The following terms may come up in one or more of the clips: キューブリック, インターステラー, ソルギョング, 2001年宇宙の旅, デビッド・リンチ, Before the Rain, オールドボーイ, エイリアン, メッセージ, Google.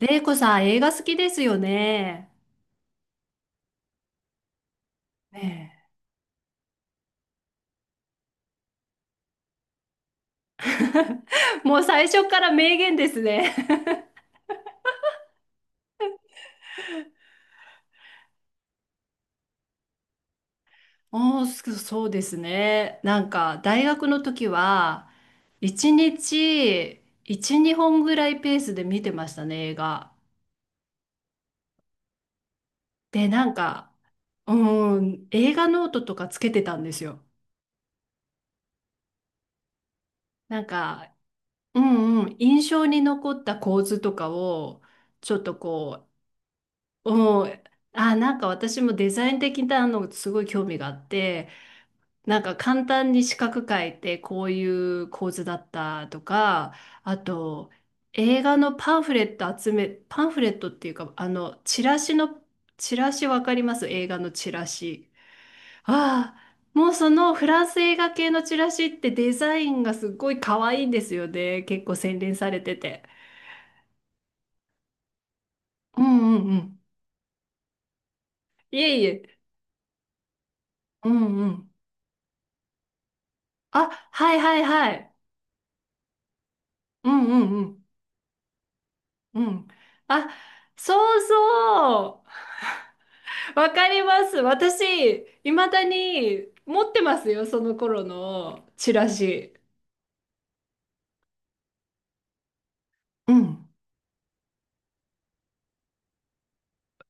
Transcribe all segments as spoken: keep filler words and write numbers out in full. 玲子さん、映画好きですよね。ねえ。もう最初から名言ですね。おー、そそうですね。なんか、大学の時は、いちにち、いち、にほんぐらいペースで見てましたね、映画。で、なんか、うん、映画ノートとかつけてたんですよ。なんか、うんうん、印象に残った構図とかを、ちょっとこう、うん、あ、なんか私もデザイン的なのすごい興味があって、なんか簡単に四角書いてこういう構図だったとか、あと映画のパンフレット集め、パンフレットっていうか、あの、チラシの、チラシわかります？映画のチラシ。ああ、もうそのフランス映画系のチラシってデザインがすっごい可愛いんですよね。結構洗練されてて。うんうんうん。いえいえ。うんうん。あ、はいはいはい。うんうんうん。うん。あ、そうそう。わかります。私、いまだに持ってますよ、その頃のチラシ。うん、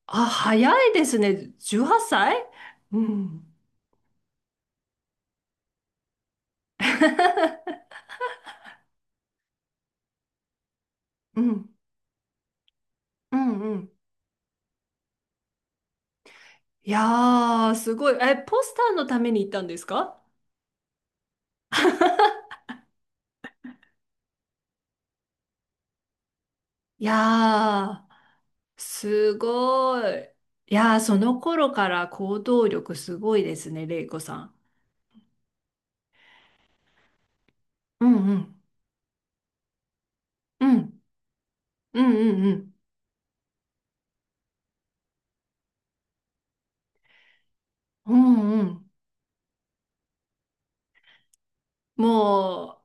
あ、早いですね。じゅうはっさい、うはっさい。うん、うん、うん、うん。いやー、すごい。え、ポスターのために行ったんですか？いやー、すごい。いやー、その頃から行動力すごいですね、れいこさん。うんうんうんうんうんうんうんうん。もう、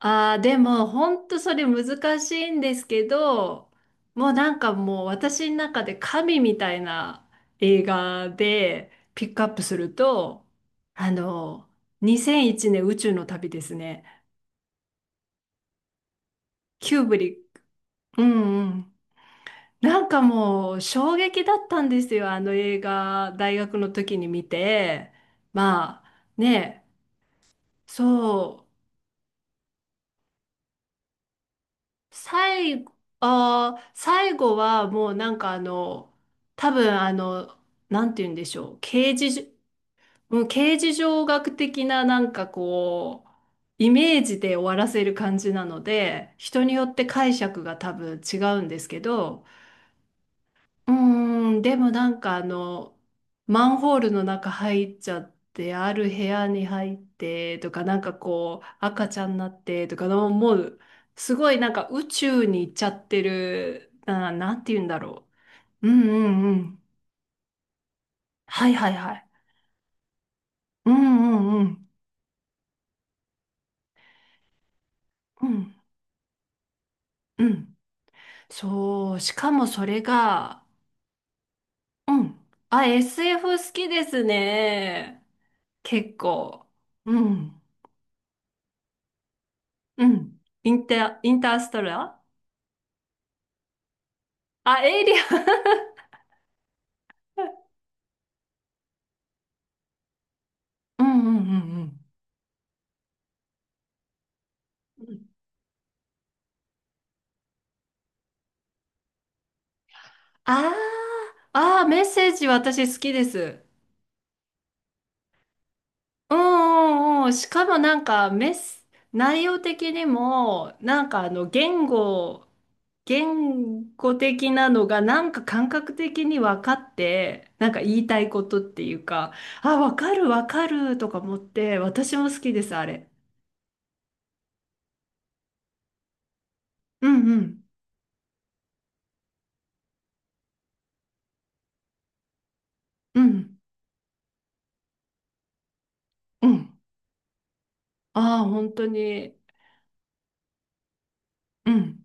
ああ、でも、本当それ難しいんですけど、もうなんかもう私の中で神みたいな映画でピックアップすると、あの、にせんいちねん宇宙の旅ですね。キューブリック、うんうん。なんかもう衝撃だったんですよ。あの映画、大学の時に見て。まあ、ね、そう。最後、あー、最後はもうなんかあの、多分あの、なんて言うんでしょう、刑事じ、もう刑事上学的ななんかこう、イメージで終わらせる感じなので、人によって解釈が多分違うんですけど、うーん、でもなんかあの、マンホールの中入っちゃって、ある部屋に入ってとか、なんかこう、赤ちゃんになってとかの、もう、すごいなんか宇宙に行っちゃってる、な、なんて言うんだろう。うんうんうん。はいはいはい。うんうんうん。うんうん。そう、しかもそれが、うん。あ、エスエフ 好きですね。結構。うん。うん。インター、インターストラ、あ、エイリアン。うんうんうんうん。ああ、あーメッセージ私好きです。うんうんうん。しかもなんかメス、内容的にも、なんかあの言語、言語的なのがなんか感覚的に分かって、なんか言いたいことっていうか、あ、分かる分かるとか思って、私も好きです、あれ。うんうん。うんうん。ああ、本当に。うん。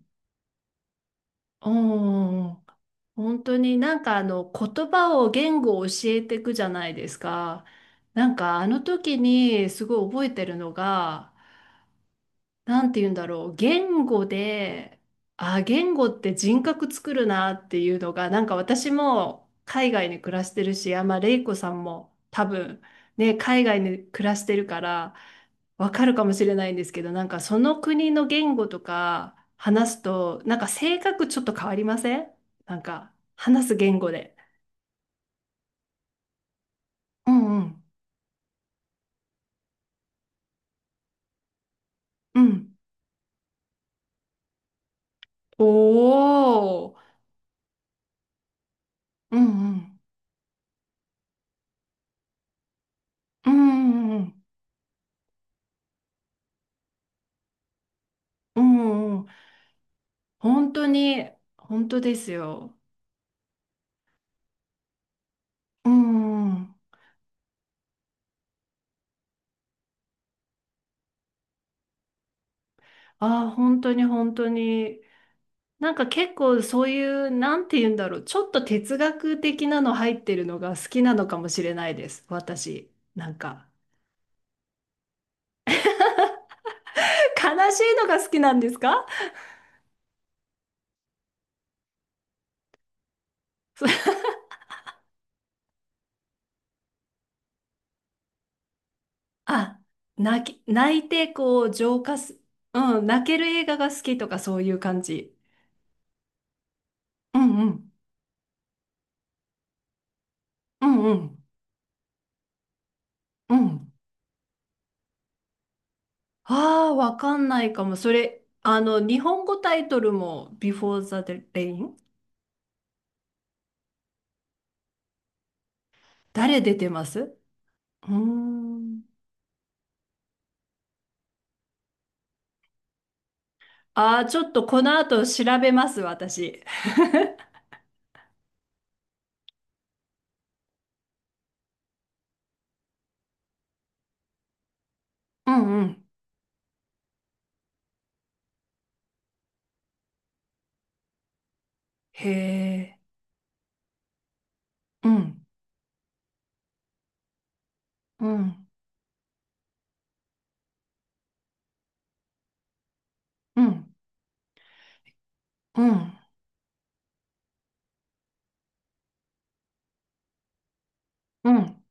おー。本当になんかあの言葉を言語を教えていくじゃないですか。なんかあの時にすごい覚えてるのがなんて言うんだろう、言語で、あ、言語って人格作るなっていうのが、なんか私も海外に暮らしてるし、あ、まあ、レイコさんも多分、ね、海外に暮らしてるから、わかるかもしれないんですけど、なんかその国の言語とか話すと、なんか性格ちょっと変わりません？なんか話す言語で。うんうん。うん。おー。うんうん。うんうんうん。うんうん。本当に、本当ですよ。うんうん。ああ、本当に本当に。なんか結構そういう、なんて言うんだろう。ちょっと哲学的なの入ってるのが好きなのかもしれないです。私。なんか。悲しいのが好きなんですか？そあ、泣き、泣いてこう浄化す。うん、泣ける映画が好きとかそういう感じ？うんうん。うんうん。うん。ああ、わかんないかも。それ、あの、日本語タイトルも Before the Rain？ 誰出てます？うーん。ああ、ちょっとこの後調べます、私。うんうん。へえ。うん。うん。うん。うん。うん。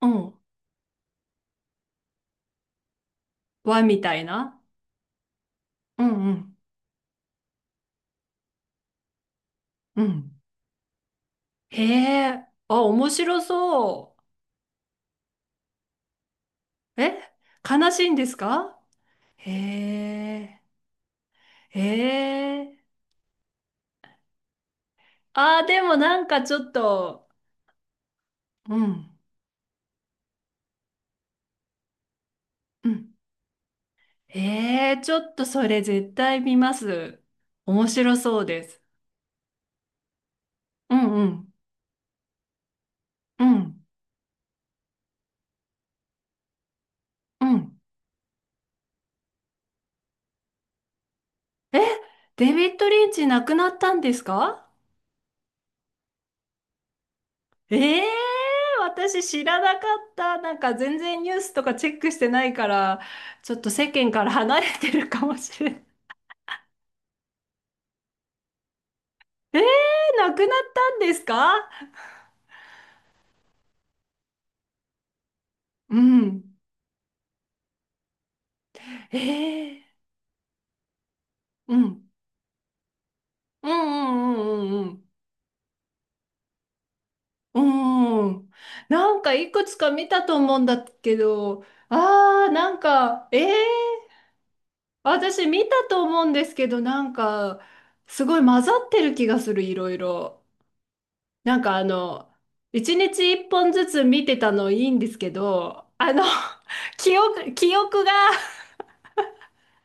うん。和みたいな。うんうん。うん。へえ。あ、面白そう。え、悲しいんですか？へえ。へえ。ああ、でもなんかちょっと、うん。うん。ええ、ちょっとそれ絶対見ます。面白そうです。うんうん。うん。うん。え、デビッド・リンチ亡くなったんですか？ええ。私知らなかった。なんか全然ニュースとかチェックしてないから、ちょっと世間から離れてるかもしれない。ええ。亡くなったんですか？うん。ええ。うん。うんうんうんうん。うーん。なんかいくつか見たと思うんだけど、あー、なんか、えー、私見たと思うんですけど、なんか、すごい混ざってる気がする、いろいろ。なんかあの、いちにちいっぽんずつ見てたのいいんですけど、あの、記憶、記憶が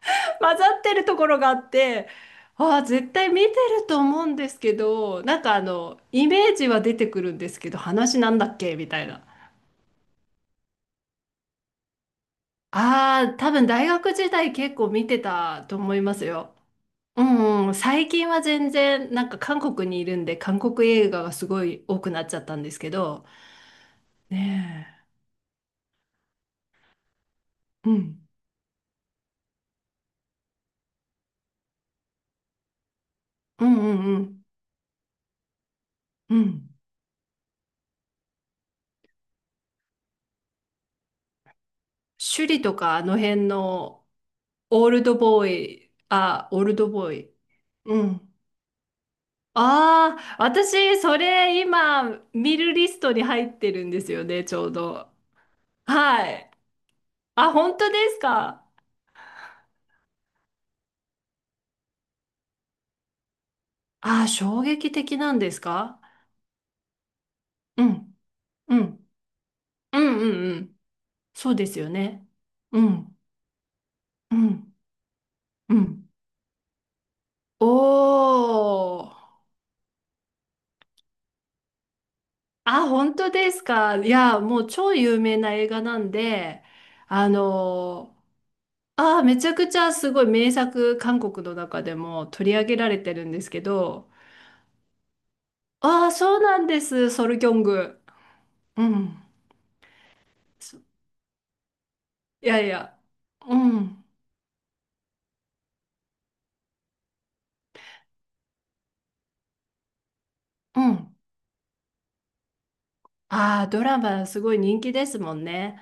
混ざってるところがあって、あー、絶対見てると思うんですけど、なんかあの、イメージは出てくるんですけど、話なんだっけみたいな。ああ、多分大学時代結構見てたと思いますよ。うんうん、最近は全然なんか韓国にいるんで韓国映画がすごい多くなっちゃったんですけど、ねえ、うん、うんうんうんうん。首里とかあの辺のオールドボーイ、あ、オールドボーイ。うん。ああ、私それ今見るリストに入ってるんですよね、ちょうど。はい。あ、本当ですか。ああ、衝撃的なんですか？うん、うん、うん、うん、うん。そうですよね。うん、うん、うん。おー。あ、本当ですか。いや、もう超有名な映画なんで、あのー、あー、めちゃくちゃすごい名作、韓国の中でも取り上げられてるんですけど、ああ、そうなんです、ソルギョング。うん。そいやいや、うん、うん。ああ、ドラマすごい人気ですもんね。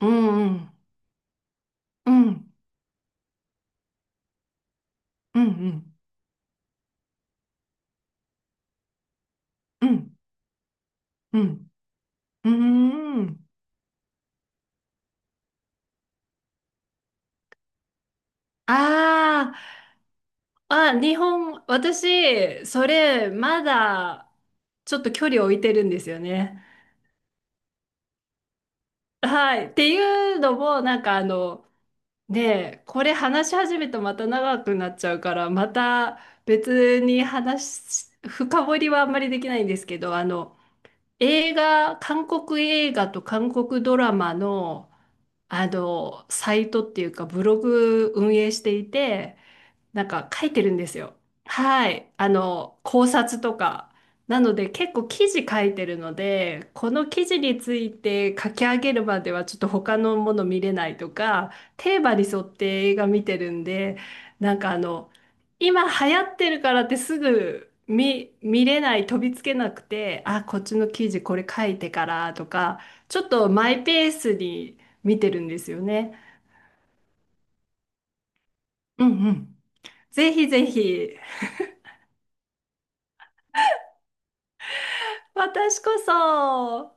うん、うん、うん、うん、うん、うん。うん。うーん。ああ、あ、日本、私、それ、まだ、ちょっと距離を置いてるんですよね。はい。っていうのも、なんかあの、ねえ、これ話し始めたまた長くなっちゃうから、また別に話し、深掘りはあんまりできないんですけど、あの、映画、韓国映画と韓国ドラマの、あの、サイトっていうか、ブログ運営していて、なんか書いてるんですよ。はい。あの、考察とか。なので結構記事書いてるので、この記事について書き上げるまではちょっと他のもの見れないとか、テーマに沿って映画見てるんで、なんかあの、今流行ってるからってすぐ見、見れない、飛びつけなくて、あ、こっちの記事これ書いてからとか、ちょっとマイペースに見てるんですよね。うんうん。ぜひぜひ。私こそ、